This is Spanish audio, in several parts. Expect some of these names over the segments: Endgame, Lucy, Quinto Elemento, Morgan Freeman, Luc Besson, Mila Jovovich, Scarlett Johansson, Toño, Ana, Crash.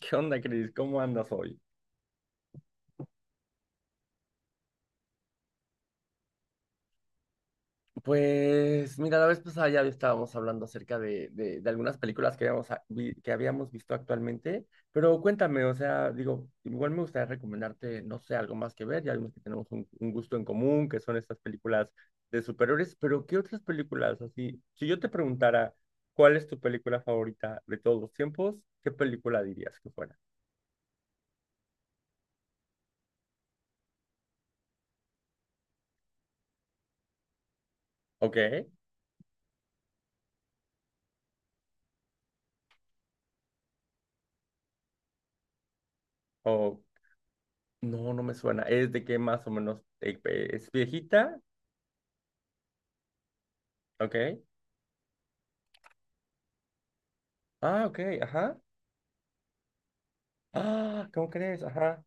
¿Qué onda, Cris? ¿Cómo andas hoy? Pues mira, la vez pasada ya estábamos hablando acerca de algunas películas que habíamos, que habíamos visto actualmente, pero cuéntame, o sea, digo, igual me gustaría recomendarte, no sé, algo más que ver, ya vimos que tenemos un gusto en común, que son estas películas de superhéroes, pero ¿qué otras películas? Así, si yo te preguntara, ¿cuál es tu película favorita de todos los tiempos? ¿Qué película dirías que fuera? ¿Ok? ¿O no, no me suena? ¿Es de qué más o menos es viejita? Ok. Ah, ok, ajá. Ah, ¿cómo crees? Ajá.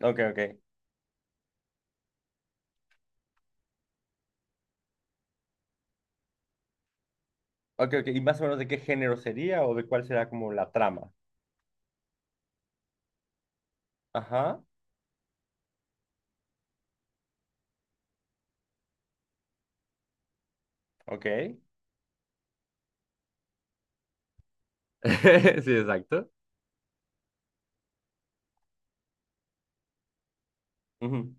Ok, ok. Ok, ok. ¿Y más o menos de qué género sería o de cuál será como la trama? Ajá. Ok. Sí, exacto. Ujú.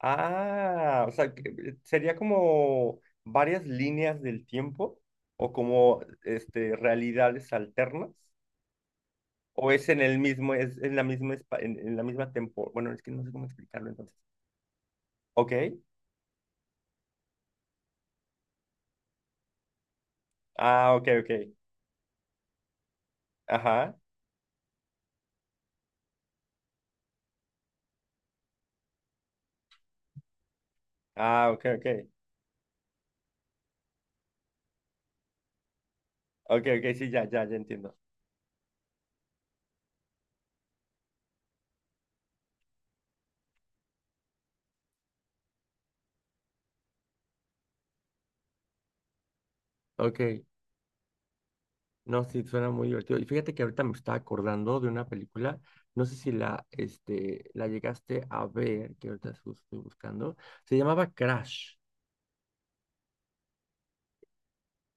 Ah, o sea, sería como varias líneas del tiempo o como este realidades alternas o es en el mismo es en la misma en la misma tempo, bueno, es que no sé cómo explicarlo entonces. Ok. Ah, ok, ok. Ajá. Ah, ok, ok. Ok, ok, sí, ya, ya, ya entiendo. Ok, no, sí, suena muy divertido. Y fíjate que ahorita me estaba acordando de una película, no sé si la, este, la llegaste a ver, que ahorita estoy buscando, se llamaba Crash.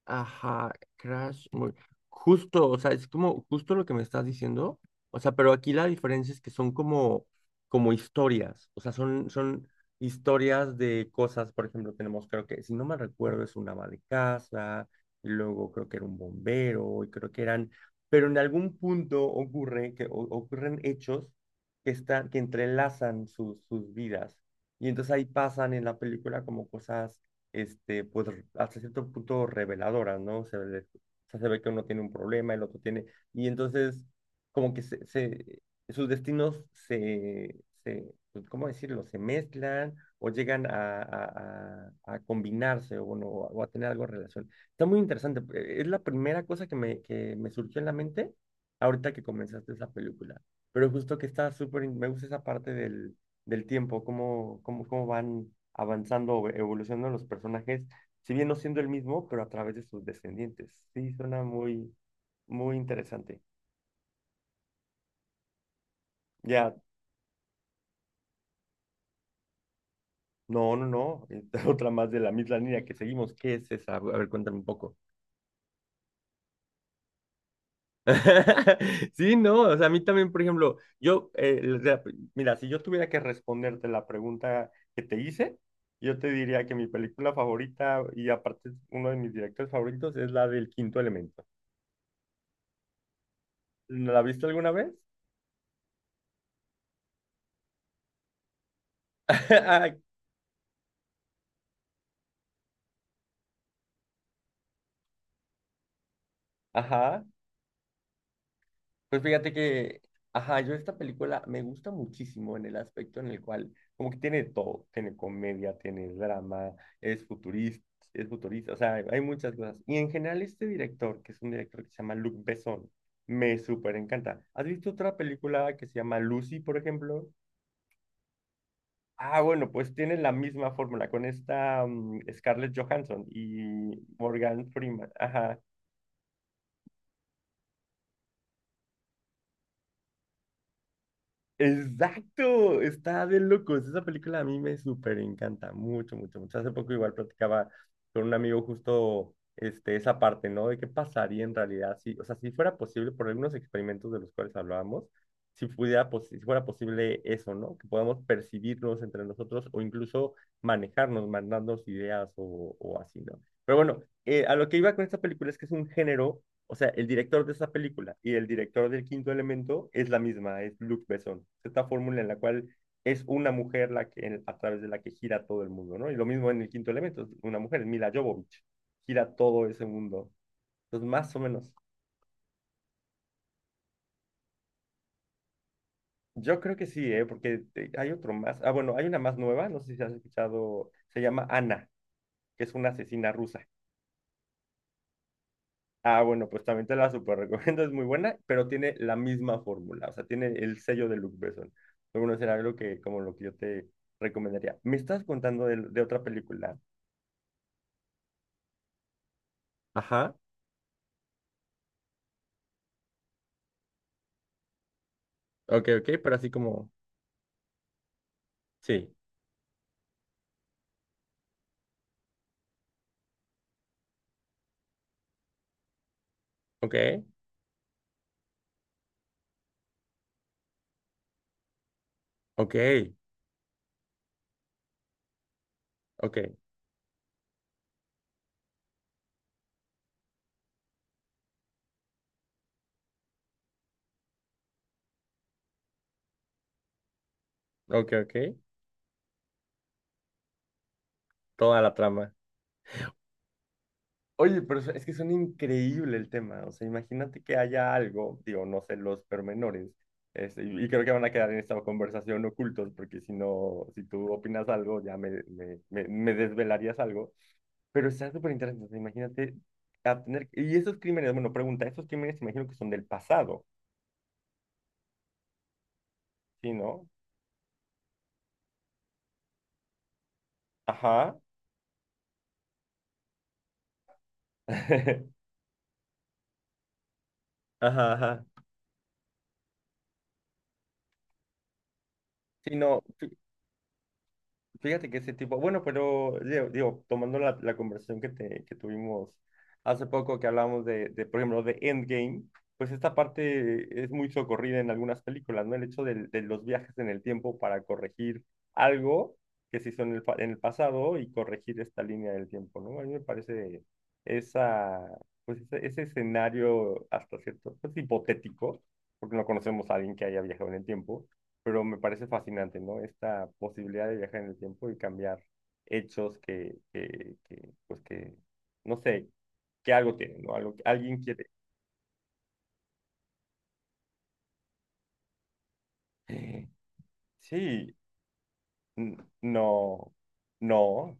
Ajá, Crash. Muy… Justo, o sea, es como justo lo que me estás diciendo. O sea, pero aquí la diferencia es que son como, como historias. O sea, son historias de cosas. Por ejemplo, tenemos, creo que, si no me recuerdo, es un ama de casa, y luego creo que era un bombero, y creo que eran. Pero en algún punto ocurre que ocurren hechos que están, que entrelazan sus vidas. Y entonces ahí pasan en la película como cosas este, pues hasta cierto punto reveladoras, ¿no? O sea, se ve que uno tiene un problema, el otro tiene, y entonces como que sus destinos se pues, ¿cómo decirlo? Se mezclan o llegan a combinarse o, bueno, o a tener algo en relación. Está muy interesante, es la primera cosa que que me surgió en la mente ahorita que comenzaste esa película, pero justo que está súper, me gusta esa parte del tiempo, cómo van avanzando o evolucionando los personajes, si bien no siendo el mismo, pero a través de sus descendientes. Sí, suena muy, muy interesante. Ya, no, esta otra más de la misma línea que seguimos. ¿Qué es esa? A ver, cuéntame un poco. Sí, no, o sea, a mí también, por ejemplo, yo, mira, si yo tuviera que responderte la pregunta que te hice, yo te diría que mi película favorita y aparte uno de mis directores favoritos es la del Quinto Elemento. ¿No la viste alguna vez? Ay. Ajá. Pues fíjate que, ajá, yo esta película me gusta muchísimo en el aspecto en el cual, como que tiene todo, tiene comedia, tiene drama, es futurista, es futurista, o sea, hay muchas cosas. Y en general este director, que es un director que se llama Luc Besson, me súper encanta. ¿Has visto otra película que se llama Lucy, por ejemplo? Ah, bueno, pues tiene la misma fórmula con esta Scarlett Johansson y Morgan Freeman. Ajá. Exacto, está de locos. Esa película a mí me súper encanta, mucho, mucho, mucho. Hace poco igual platicaba con un amigo justo este, esa parte, ¿no? De qué pasaría en realidad si, o sea, si fuera posible, por algunos experimentos de los cuales hablábamos, si pudiera, si fuera posible eso, ¿no? Que podamos percibirnos entre nosotros o incluso manejarnos, mandarnos ideas o así, ¿no? Pero bueno, a lo que iba con esta película es que es un género o sea, el director de esa película y el director del Quinto Elemento es la misma, es Luc Besson. Esta fórmula en la cual es una mujer la que, a través de la que gira todo el mundo, ¿no? Y lo mismo en el Quinto Elemento, es una mujer, es Mila Jovovich, gira todo ese mundo. Entonces, más o menos. Yo creo que sí, ¿eh? Porque hay otro más. Ah, bueno, hay una más nueva, no sé si has escuchado, se llama Ana, que es una asesina rusa. Ah, bueno, pues también te la súper recomiendo, es muy buena, pero tiene la misma fórmula, o sea, tiene el sello de Luc Besson. Bueno, será algo que, como lo que yo te recomendaría. Me estás contando de otra película. Ajá, ok, ok, pero así como, sí, ok, ok, ok, ok, ok, toda la trama. Oye, pero es que son increíble el tema. O sea, imagínate que haya algo, digo, no sé los pormenores, este, y creo que van a quedar en esta conversación ocultos, porque si no, si tú opinas algo, ya me desvelarías algo. Pero está súper interesante. O sea, imagínate a tener. Y esos crímenes, bueno, pregunta, esos crímenes imagino que son del pasado, ¿sí, no? Ajá. Ajá, ajá. Sí, no. Fíjate que ese tipo, bueno, pero digo, tomando la conversación que, que tuvimos hace poco, que hablábamos de, por ejemplo, de Endgame, pues esta parte es muy socorrida en algunas películas, ¿no? El hecho de los viajes en el tiempo para corregir algo que se hizo en el, en el pasado y corregir esta línea del tiempo, ¿no? A mí me parece esa, pues ese escenario hasta cierto, pues hipotético, porque no conocemos a alguien que haya viajado en el tiempo pero me parece fascinante, ¿no? Esta posibilidad de viajar en el tiempo y cambiar hechos que, pues que, no sé, que algo tienen, ¿no? Algo que alguien quiere. Sí, no, no,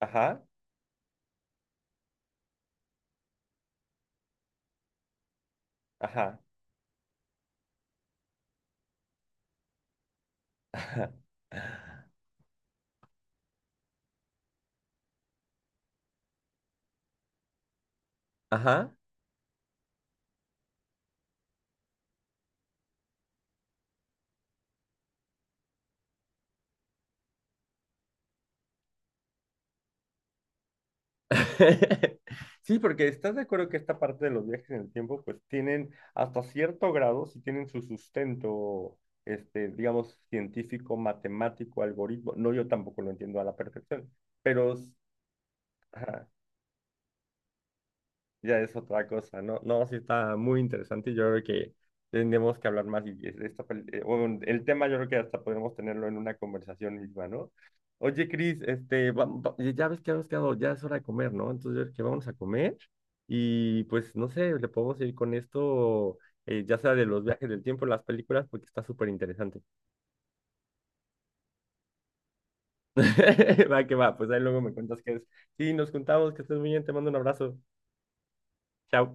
ajá, ajá, ajá, ajá, sí, porque estás de acuerdo que esta parte de los viajes en el tiempo, pues tienen hasta cierto grado, si tienen su sustento, este, digamos, científico, matemático, algoritmo. No, yo tampoco lo entiendo a la perfección, pero, ajá, ya es otra cosa, ¿no? No, sí está muy interesante y yo creo que tendremos que hablar más y esta, bueno, el tema yo creo que hasta podemos tenerlo en una conversación misma, ¿no? Oye, Cris, este, ya ya ves que habíamos quedado, ya es hora de comer, ¿no? Entonces yo creo que vamos a comer y pues no sé, le podemos ir con esto, ya sea de los viajes del tiempo, las películas, porque está súper interesante. Va que va, pues ahí luego me cuentas qué es. Sí, nos juntamos, que estés muy bien, te mando un abrazo. Chao.